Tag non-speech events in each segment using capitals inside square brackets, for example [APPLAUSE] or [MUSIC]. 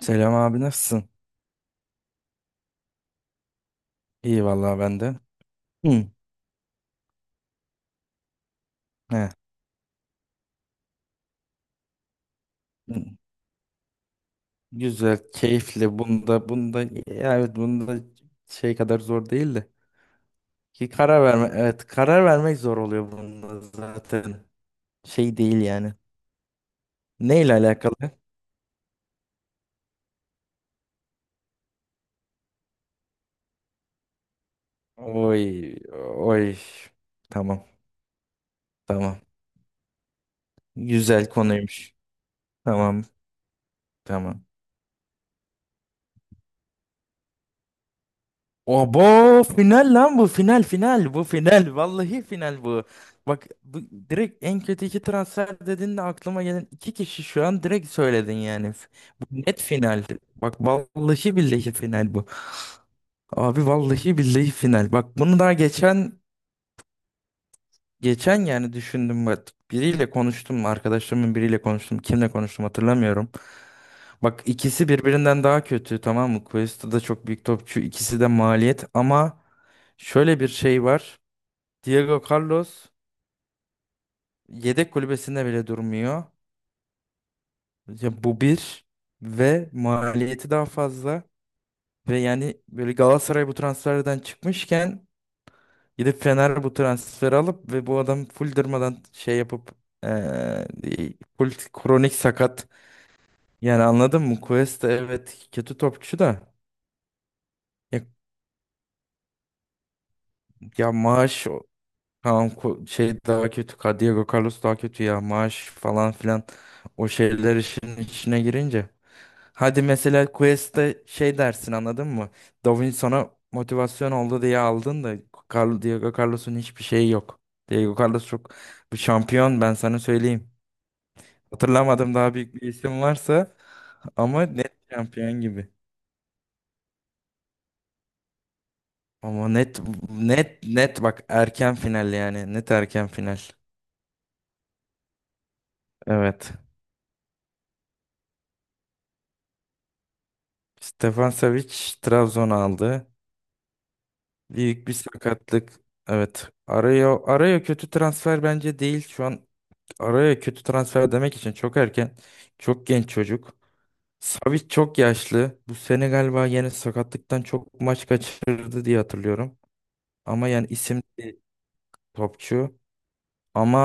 Selam abi, nasılsın? İyi vallahi ben de. Hı. He. Hı. Güzel, keyifli. Bunda ya, evet bunda şey kadar zor değil de ki, karar verme, evet karar vermek zor oluyor bunda zaten. Şey değil yani. Neyle alakalı? Oy oy. Tamam. Tamam. Güzel konuymuş. Tamam. Tamam. Obo, final lan bu, final, final bu final, vallahi final bu. Bak bu, direkt en kötü iki transfer dediğinde aklıma gelen iki kişi şu an, direkt söyledin yani. Bu net final. Bak vallahi billahi final bu. Abi vallahi billahi final. Bak bunu daha geçen yani düşündüm bak. Biriyle konuştum, arkadaşlarımın biriyle konuştum. Kimle konuştum hatırlamıyorum. Bak ikisi birbirinden daha kötü, tamam mı? Cuesta da çok büyük topçu, ikisi de maliyet ama şöyle bir şey var. Diego Carlos yedek kulübesinde bile durmuyor. Ya bu bir, ve maliyeti daha fazla, ve yani böyle Galatasaray bu transferden çıkmışken gidip Fener bu transferi alıp ve bu adam full durmadan şey yapıp, eee, full kronik sakat yani, anladın mı? Cuesta evet, kötü topçu da ya, ya maaş. Tamam, şey daha kötü. Diego Carlos daha kötü ya. Maaş falan filan. O şeyler işin içine girince. Hadi mesela Quest'te şey dersin, anladın mı? Davinson'a motivasyon oldu diye aldın da, Diego Carlos'un hiçbir şeyi yok. Diego Carlos çok bir şampiyon, ben sana söyleyeyim. Hatırlamadım, daha büyük bir isim varsa, ama net şampiyon gibi. Ama net, net, net bak, erken final yani, net erken final. Evet. Stefan Savic, Trabzon aldı. Büyük bir sakatlık. Evet. Araya kötü transfer bence değil. Şu an araya kötü transfer demek için çok erken. Çok genç çocuk. Savic çok yaşlı. Bu sene galiba yine sakatlıktan çok maç kaçırdı diye hatırlıyorum. Ama yani isim, topçu. Ama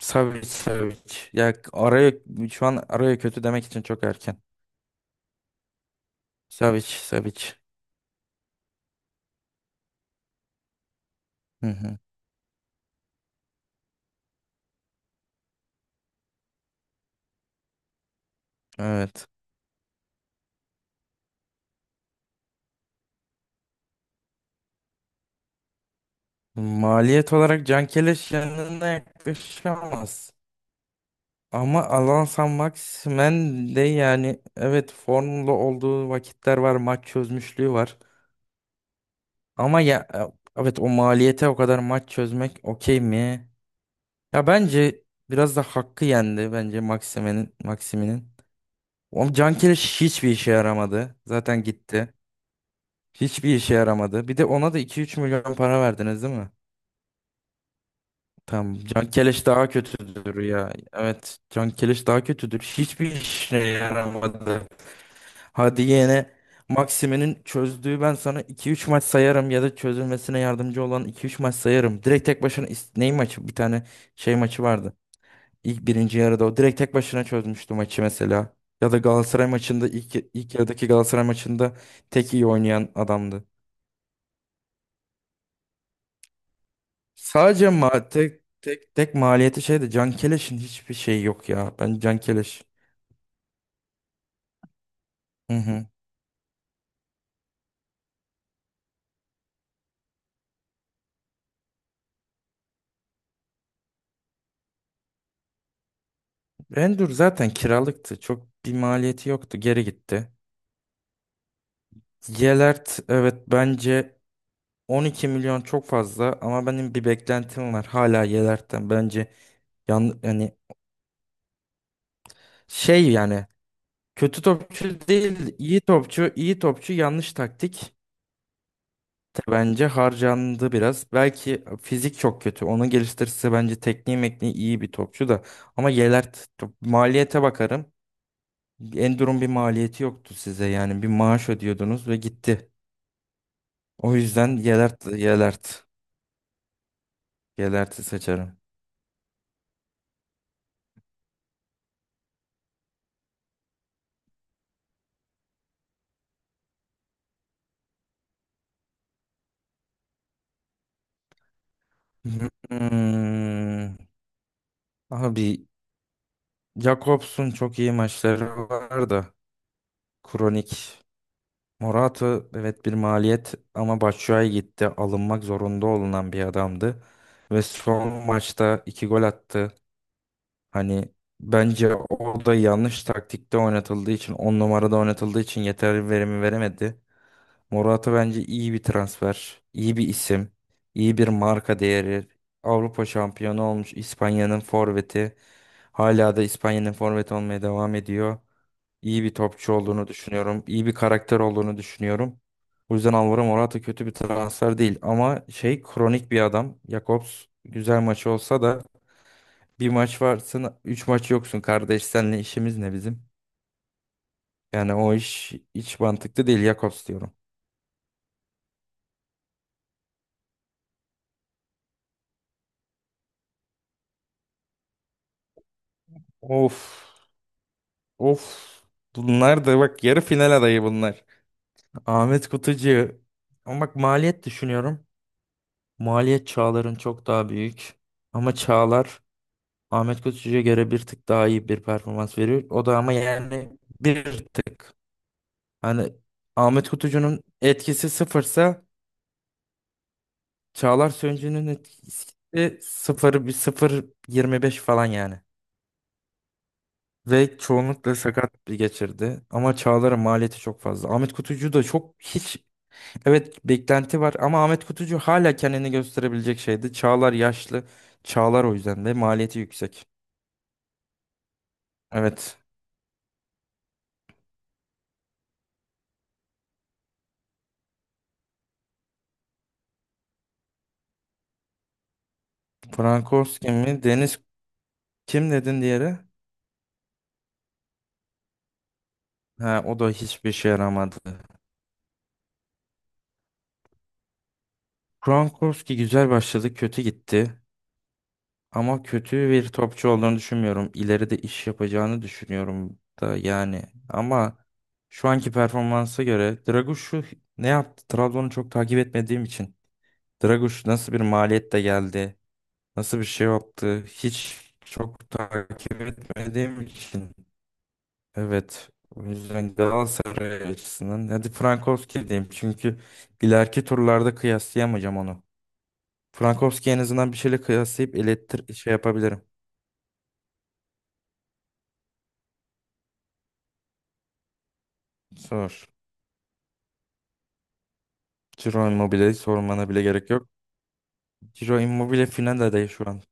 Savic Savic. Ya araya, şu an araya kötü demek için çok erken. Savic Savic. Hı hı. Evet. Maliyet olarak Cankeleş yanına yaklaşamaz. Ama Alan San Maximen de, yani evet, formda olduğu vakitler var. Maç çözmüşlüğü var. Ama ya evet, o maliyete o kadar maç çözmek okey mi? Ya bence biraz da hakkı yendi bence Maximen'in, Maximin'in. O Cankeleş hiçbir işe yaramadı. Zaten gitti. Hiçbir işe yaramadı. Bir de ona da 2 3 milyon para verdiniz değil mi? Tamam. Can Keleş daha kötüdür ya. Evet. Can Keleş daha kötüdür. Hiçbir işine yaramadı. Hadi yine, Maxime'nin çözdüğü ben sana iki üç maç sayarım, ya da çözülmesine yardımcı olan iki üç maç sayarım. Direkt tek başına ney maçı? Bir tane şey maçı vardı. İlk birinci yarıda o direkt tek başına çözmüştü maçı mesela. Ya da Galatasaray maçında ilk yarıdaki Galatasaray maçında tek iyi oynayan adamdı. Sadece ma tek tek tek maliyeti şeydi. Can Keleş'in hiçbir şeyi yok ya. Ben Can Keleş. Hı hı. Endür zaten kiralıktı. Çok bir maliyeti yoktu. Geri gitti. Yelert, evet, bence 12 milyon çok fazla ama benim bir beklentim var hala Yelert'ten. Bence yani şey yani, kötü topçu değil, iyi topçu, iyi topçu, yanlış taktik, bence harcandı biraz. Belki fizik çok kötü, onu geliştirirse bence tekniği mekniği iyi bir topçu da, ama Yelert, maliyete bakarım. Enduro'nun bir maliyeti yoktu size, yani bir maaş ödüyordunuz ve gitti. O yüzden Yelert, Yelert'i seçerim. Hmm. Abi, Jakobs'un çok iyi maçları vardı. Kronik. Morata, evet bir maliyet, ama Batshuayi gitti. Alınmak zorunda olunan bir adamdı. Ve son maçta 2 gol attı. Hani bence orada yanlış taktikte oynatıldığı için, 10 numarada oynatıldığı için yeterli verimi veremedi. Morata bence iyi bir transfer, iyi bir isim, iyi bir marka değeri. Avrupa şampiyonu olmuş İspanya'nın forveti. Hala da İspanya'nın forveti olmaya devam ediyor. İyi bir topçu olduğunu düşünüyorum, iyi bir karakter olduğunu düşünüyorum. O yüzden Alvaro Morata kötü bir transfer değil, ama şey, kronik bir adam. Jakobs, güzel maçı olsa da bir maç varsın, üç maç yoksun kardeş. Seninle işimiz ne bizim? Yani o iş hiç mantıklı değil, Jakobs diyorum. Of. Of. Bunlar da bak, yarı final adayı bunlar. Ahmet Kutucu. Ama bak, maliyet düşünüyorum. Maliyet Çağlar'ın çok daha büyük. Ama Çağlar Ahmet Kutucu'ya göre bir tık daha iyi bir performans veriyor. O da ama yani bir tık. Hani Ahmet Kutucu'nun etkisi sıfırsa Çağlar Söncü'nün etkisi sıfır bir sıfır 25 falan yani. Ve çoğunlukla sakat bir geçirdi. Ama Çağlar'ın maliyeti çok fazla. Ahmet Kutucu da çok hiç. Evet beklenti var, ama Ahmet Kutucu hala kendini gösterebilecek şeydi. Çağlar yaşlı. Çağlar o yüzden de maliyeti yüksek. Evet. Frankowski mi? Deniz, kim dedin diğeri? Ha, o da hiçbir şey yaramadı. Frankowski güzel başladı, kötü gitti. Ama kötü bir topçu olduğunu düşünmüyorum. İleride iş yapacağını düşünüyorum da yani. Ama şu anki performansa göre Dragoş'u ne yaptı? Trabzon'u çok takip etmediğim için. Dragoş nasıl bir maliyetle geldi? Nasıl bir şey yaptı? Hiç çok takip etmediğim için. Evet. O yüzden Galatasaray açısından, hadi Frankowski diyeyim. Çünkü ileriki turlarda kıyaslayamayacağım onu. Frankowski en azından bir şeyle kıyaslayıp ilettir şey yapabilirim. Sor. Ciro Immobile'yi sormana bile gerek yok. Ciro Immobile final adayı şu an.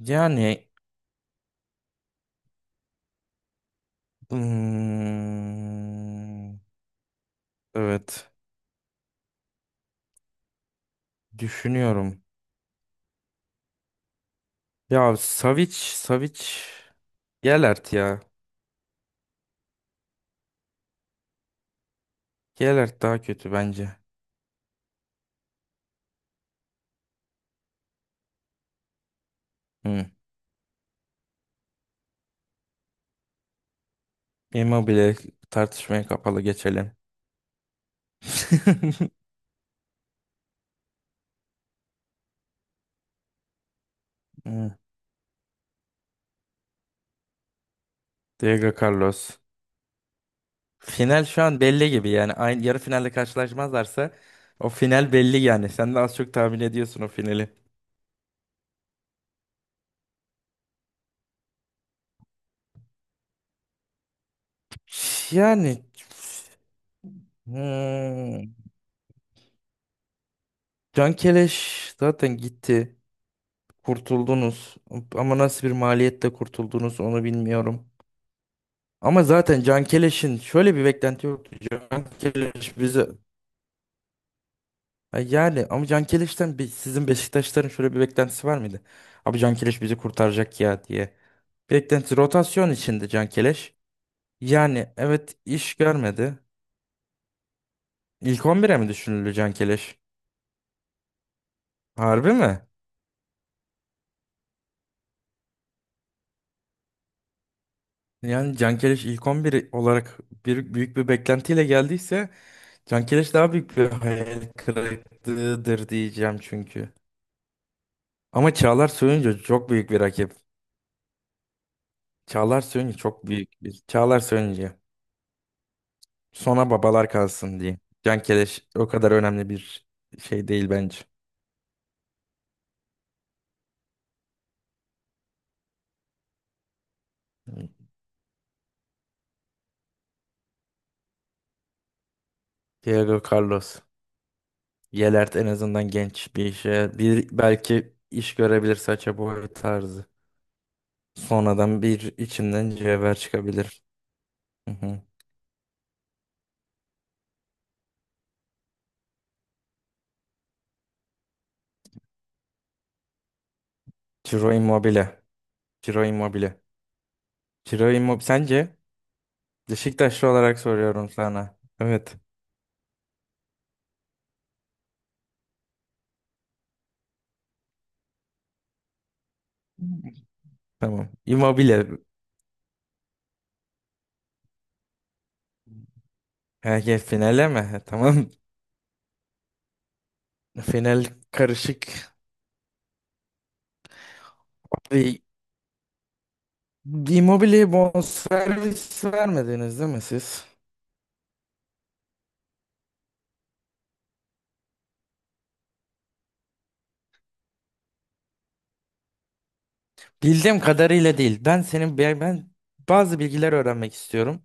Yani, hmm, evet düşünüyorum. Ya Savic Savic, Gelert ya. Geralt daha kötü bence. Hı. Immobile, tartışmaya kapalı, geçelim. [LAUGHS] Hı. Diego Carlos. Final şu an belli gibi yani, aynı yarı finalde karşılaşmazlarsa o final belli yani. Sen de az çok tahmin ediyorsun o finali. Yani, hmm, Can Keleş zaten gitti. Kurtuldunuz. Ama nasıl bir maliyetle kurtuldunuz onu bilmiyorum. Ama zaten Can Keleş'in şöyle bir beklenti yoktu. Can Keleş bize. Ha, yani ama Can Keliş'ten bir, sizin Beşiktaşların şöyle bir beklentisi var mıydı? Abi, Can Keleş bizi kurtaracak ya diye. Beklenti rotasyon içinde Can Keleş. Yani evet, iş görmedi. İlk 11'e mi düşünüldü Can Keleş? Harbi mi? Yani Can Keleş ilk on biri olarak bir, büyük bir beklentiyle geldiyse Can Keleş daha büyük bir hayal kırıklığıdır diyeceğim çünkü. Ama Çağlar Söyüncü çok büyük bir rakip. Çağlar Söyüncü çok büyük bir. Çağlar Söyüncü. Sona babalar kalsın diyeyim. Can Keleş o kadar önemli bir şey değil bence. Hmm. Diego Carlos. Yelert en azından genç bir işe. Bir, belki iş görebilir, saça boy tarzı. Sonradan bir içinden cevher çıkabilir. Hı hı. Ciro Immobile. Ciro Immobile. Ciro Immobile. Sence? Beşiktaşlı olarak soruyorum sana. Evet. Tamam. Immobile. Ha, gel finale mi? Ha, tamam. [LAUGHS] Final karışık. Immobile'ye bonservis vermediniz değil mi siz? Bildiğim kadarıyla değil. Ben senin ben ben bazı bilgiler öğrenmek istiyorum.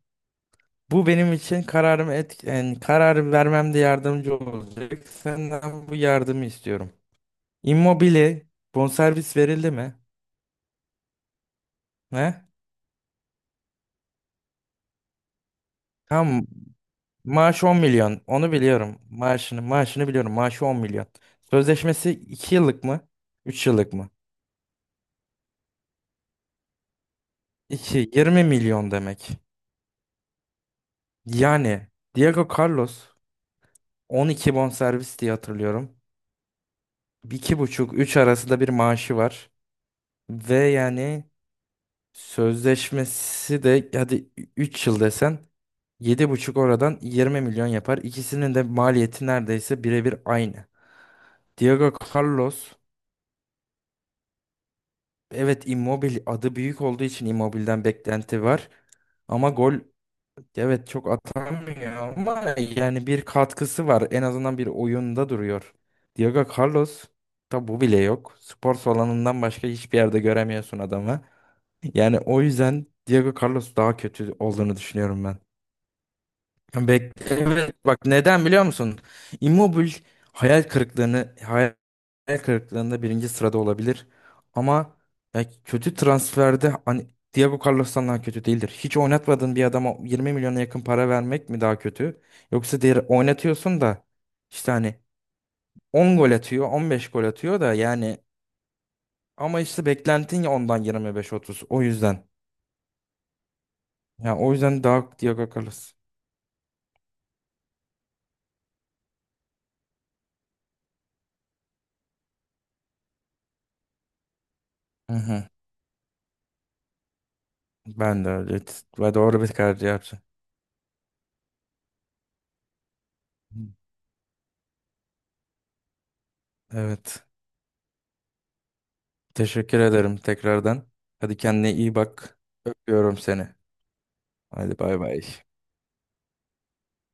Bu benim için kararımı yani karar vermemde yardımcı olacak. Senden bu yardımı istiyorum. Immobile bonservis verildi mi? Ne? Tam maaş 10 milyon. Onu biliyorum. Maaşını biliyorum. Maaşı 10 milyon. Sözleşmesi 2 yıllık mı? 3 yıllık mı? 2, 20 milyon demek. Yani Diego Carlos 12 bonservis diye hatırlıyorum. İki buçuk üç arasında bir maaşı var. Ve yani sözleşmesi de hadi 3 yıl desen, yedi buçuk, oradan 20 milyon yapar. İkisinin de maliyeti neredeyse birebir aynı. Diego Carlos, evet Immobile adı büyük olduğu için Immobile'den beklenti var. Ama gol, evet çok atamıyor, ama yani bir katkısı var. En azından bir oyunda duruyor. Diego Carlos da bu bile yok. Spor salonundan başka hiçbir yerde göremiyorsun adamı. Yani o yüzden Diego Carlos daha kötü olduğunu düşünüyorum ben. Bek evet, bak neden biliyor musun? Immobile hayal kırıklığını, hayal kırıklığında birinci sırada olabilir. Ama ya kötü transferde, hani Diego Carlos'tan daha kötü değildir. Hiç oynatmadığın bir adama 20 milyona yakın para vermek mi daha kötü? Yoksa diğer oynatıyorsun da işte hani 10 gol atıyor, 15 gol atıyor da yani, ama işte beklentin ya ondan 25-30. O yüzden. Ya o yüzden daha Diego Carlos. Hı hı. Ben de öyle, ve doğru bir karar yaptım. Evet. Teşekkür ederim tekrardan. Hadi, kendine iyi bak. Öpüyorum seni. Hadi bay bay.